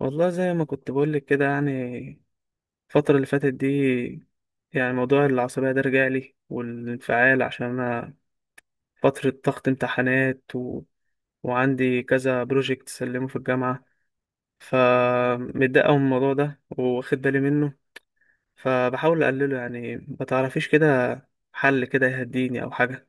والله زي ما كنت بقولك كده، يعني الفترة اللي فاتت دي، يعني موضوع العصبية ده رجع لي، والانفعال، عشان أنا فترة ضغط امتحانات وعندي كذا بروجكت سلمه في الجامعة. فمتضايق أوي من الموضوع ده، واخد بالي منه، فبحاول أقلله. يعني ما تعرفيش كده حل كده يهديني أو حاجة؟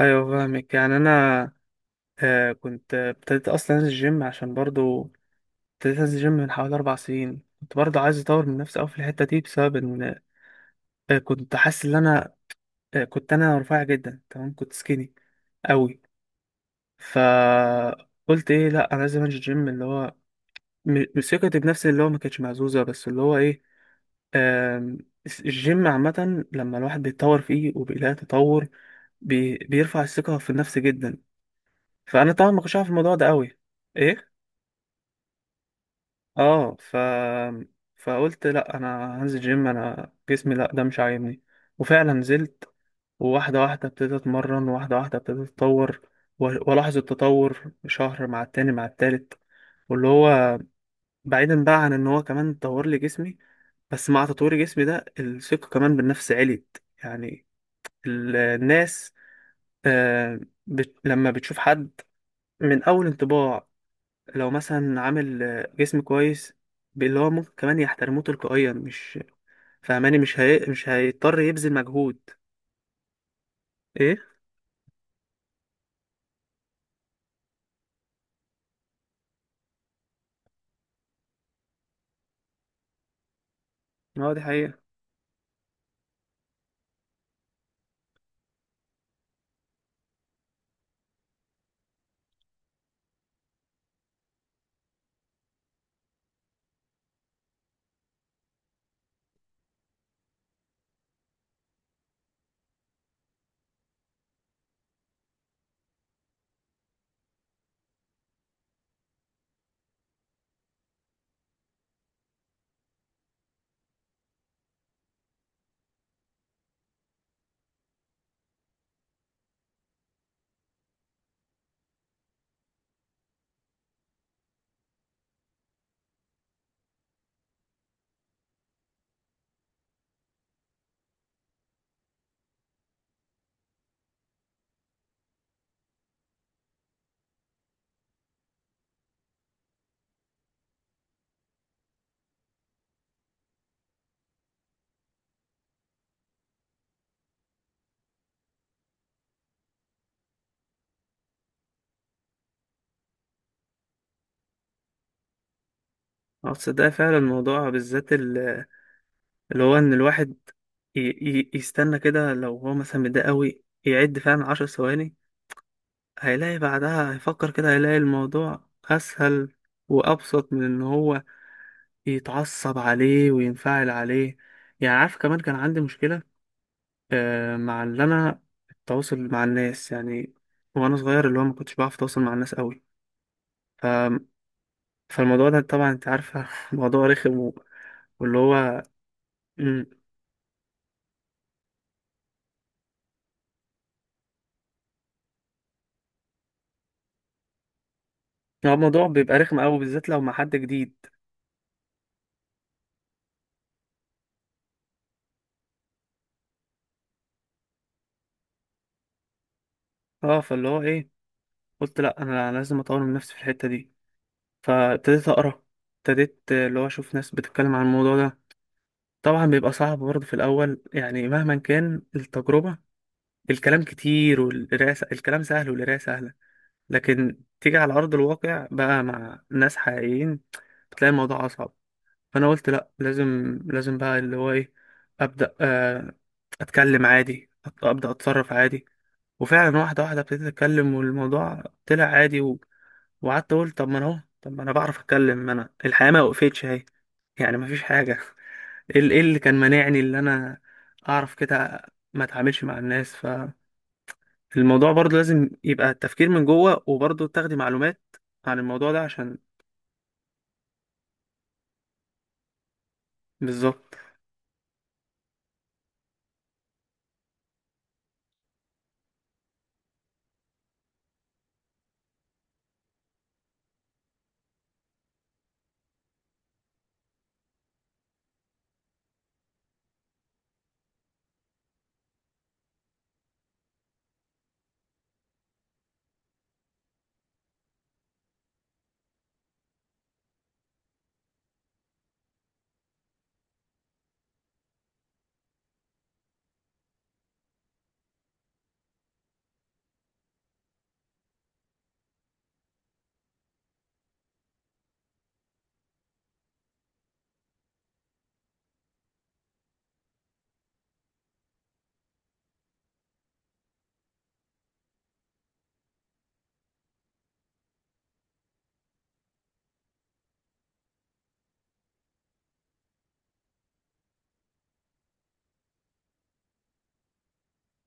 أيوة، فاهمك. يعني أنا كنت ابتديت أصلا أنزل الجيم، عشان برضو ابتديت انزل جيم من حوالي 4 سنين. كنت برضه عايز اطور من نفسي قوي في الحته دي، بسبب ان كنت حاسس ان انا كنت انا رفيع جدا. تمام، كنت سكيني قوي. فقلت ايه، لا انا لازم انزل جيم، اللي هو ثقتي بنفسي اللي هو ما كانتش مهزوزه، بس اللي هو ايه، آم، الجيم عامه لما الواحد بيتطور فيه وبيلاقي تطور بيرفع الثقه في النفس جدا. فانا طبعا ما كنتش عارف الموضوع ده قوي. ايه. اه. فقلت لا، انا هنزل جيم. انا جسمي لا ده مش عاجبني. وفعلا نزلت، وواحده واحده ابتديت اتمرن، واحده واحده ابتديت اتطور، والاحظ التطور شهر مع التاني مع التالت. واللي هو، بعيدا بقى عن ان هو كمان طور لي جسمي، بس مع تطوير جسمي ده الثقه كمان بالنفس عليت. يعني الناس آه لما بتشوف حد من اول انطباع، لو مثلا عامل جسم كويس، اللي هو ممكن كمان يحترموه تلقائيا. مش فاهماني؟ مش هيضطر يبذل مجهود. ايه. اه، دي حقيقة. اه، تصدق فعلا الموضوع بالذات، اللي هو ان الواحد يستنى كده، لو هو مثلا متضايق قوي، يعد فعلا 10 ثواني، هيلاقي بعدها هيفكر كده، هيلاقي الموضوع اسهل وابسط من ان هو يتعصب عليه وينفعل عليه. يعني عارف، كمان كان عندي مشكلة مع اللي انا، التواصل مع الناس يعني. وانا صغير اللي هو ما كنتش بعرف اتواصل مع الناس قوي. ف... فالموضوع ده طبعا انت عارفه موضوع رخم واللي هو مم، هو الموضوع بيبقى رخم قوي بالذات لو مع حد جديد. اه، فاللي هو ايه، قلت لا انا لازم اطور من نفسي في الحته دي. فابتديت اقرا، ابتديت اللي هو اشوف ناس بتتكلم عن الموضوع ده. طبعا بيبقى صعب برضه في الاول، يعني مهما كان التجربه، الكلام كتير والقراءه الكلام سهل والقراءه سهله، لكن تيجي على أرض الواقع بقى مع ناس حقيقيين بتلاقي الموضوع أصعب. فأنا قلت لأ، لازم لازم بقى اللي هو إيه، أبدأ أتكلم عادي، أبدأ أتصرف عادي. وفعلا واحدة واحدة ابتديت أتكلم والموضوع طلع عادي وقعدت أقول طب ما أنا أهو، طب ما أنا بعرف أتكلم، ما أنا الحياة ما وقفتش أهي. يعني مفيش حاجة إيه إيه اللي كان مانعني؟ اللي أنا أعرف كده ما أتعاملش مع الناس. الموضوع برضه لازم يبقى التفكير من جوه، وبرضه تاخدي معلومات عن الموضوع ده، عشان بالظبط.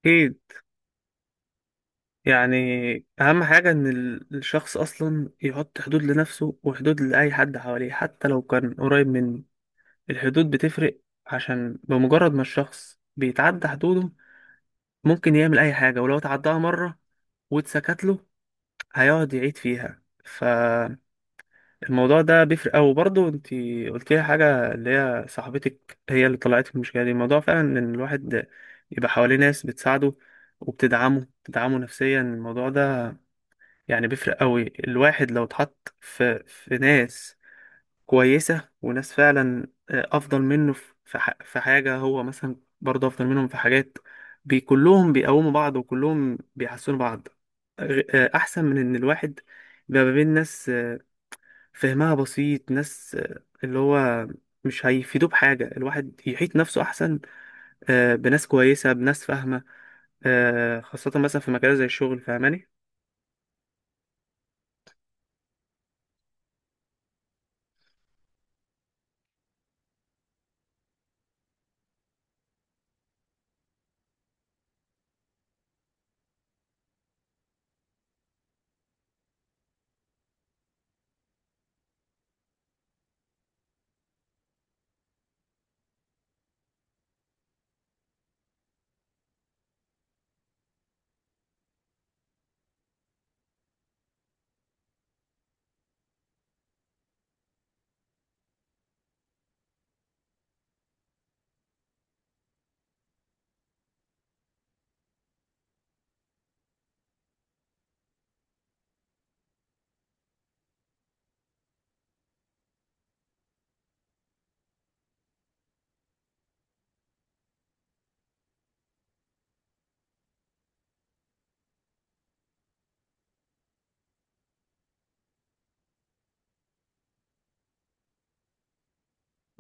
اكيد، يعني اهم حاجة ان الشخص اصلا يحط حدود لنفسه، وحدود لأي حد حواليه حتى لو كان قريب منه. الحدود بتفرق، عشان بمجرد ما الشخص بيتعدى حدوده ممكن يعمل اي حاجة. ولو تعداها مرة واتسكت له هيقعد يعيد فيها. الموضوع ده بيفرق أوي. برضه انت قلت لي حاجة، اللي هي صاحبتك هي اللي طلعت المشكلة دي، الموضوع فعلا ان الواحد يبقى حواليه ناس بتساعده وبتدعمه، بتدعمه نفسيا. الموضوع ده يعني بيفرق أوي. الواحد لو اتحط في ناس كويسة وناس فعلا أفضل منه في في حاجة، هو مثلا برضه أفضل منهم في حاجات، كلهم بيقوموا بعض وكلهم بيحسنوا بعض. أحسن من ان الواحد بيبقى ما بين ناس فهمها بسيط. ناس اللي هو مش هيفيدوه بحاجة. الواحد يحيط نفسه أحسن بناس كويسة، بناس فاهمة، خاصة مثلا في مجال زي الشغل. فاهماني؟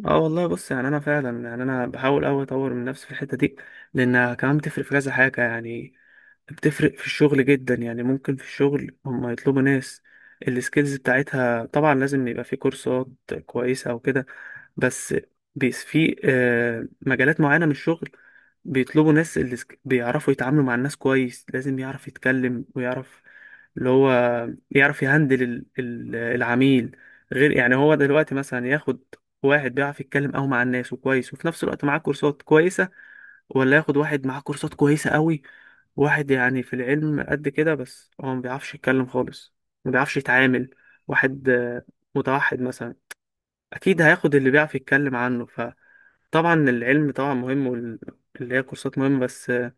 اه والله، بص يعني انا فعلا يعني انا بحاول اوي اطور من نفسي في الحته دي، لانها كمان بتفرق في كذا حاجه. يعني بتفرق في الشغل جدا. يعني ممكن في الشغل هم يطلبوا ناس السكيلز بتاعتها، طبعا لازم يبقى في كورسات كويسه او كده. بس بيس في مجالات معينه من الشغل بيطلبوا ناس اللي بيعرفوا يتعاملوا مع الناس كويس، لازم يعرف يتكلم ويعرف اللي هو يعرف يهندل العميل. غير يعني هو دلوقتي مثلا ياخد واحد بيعرف يتكلم قوي مع الناس وكويس وفي نفس الوقت معاه كورسات كويسة، ولا ياخد واحد معاه كورسات كويسة قوي، واحد يعني في العلم قد كده بس هو ما بيعرفش يتكلم خالص، ما بيعرفش يتعامل، واحد متوحد مثلا؟ اكيد هياخد اللي بيعرف يتكلم عنه. فطبعا العلم طبعا مهم، واللي هي كورسات مهمة، بس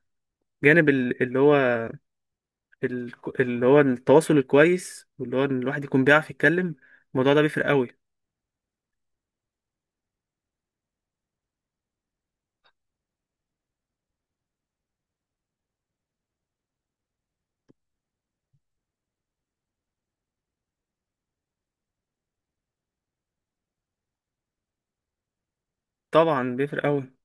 جانب ال- اللي هو التواصل الكويس واللي هو ان الواحد يكون بيعرف يتكلم. الموضوع ده بيفرق قوي. طبعا بيفرق قوي.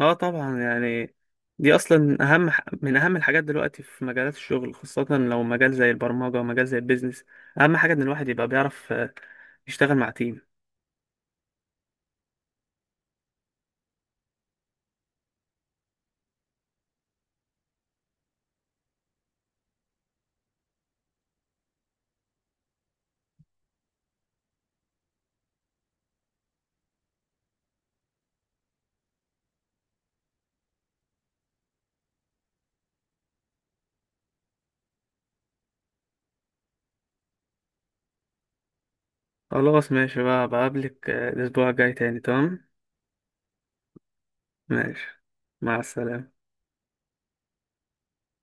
اه، طبعا، يعني دي اصلا اهم من اهم الحاجات دلوقتي في مجالات الشغل، خاصة لو مجال زي البرمجة ومجال زي البيزنس. اهم حاجة ان الواحد يبقى بيعرف يشتغل مع تيم. خلاص ماشي بقى، بقابلك الاسبوع الجاي تاني. تمام، ماشي، مع السلامة.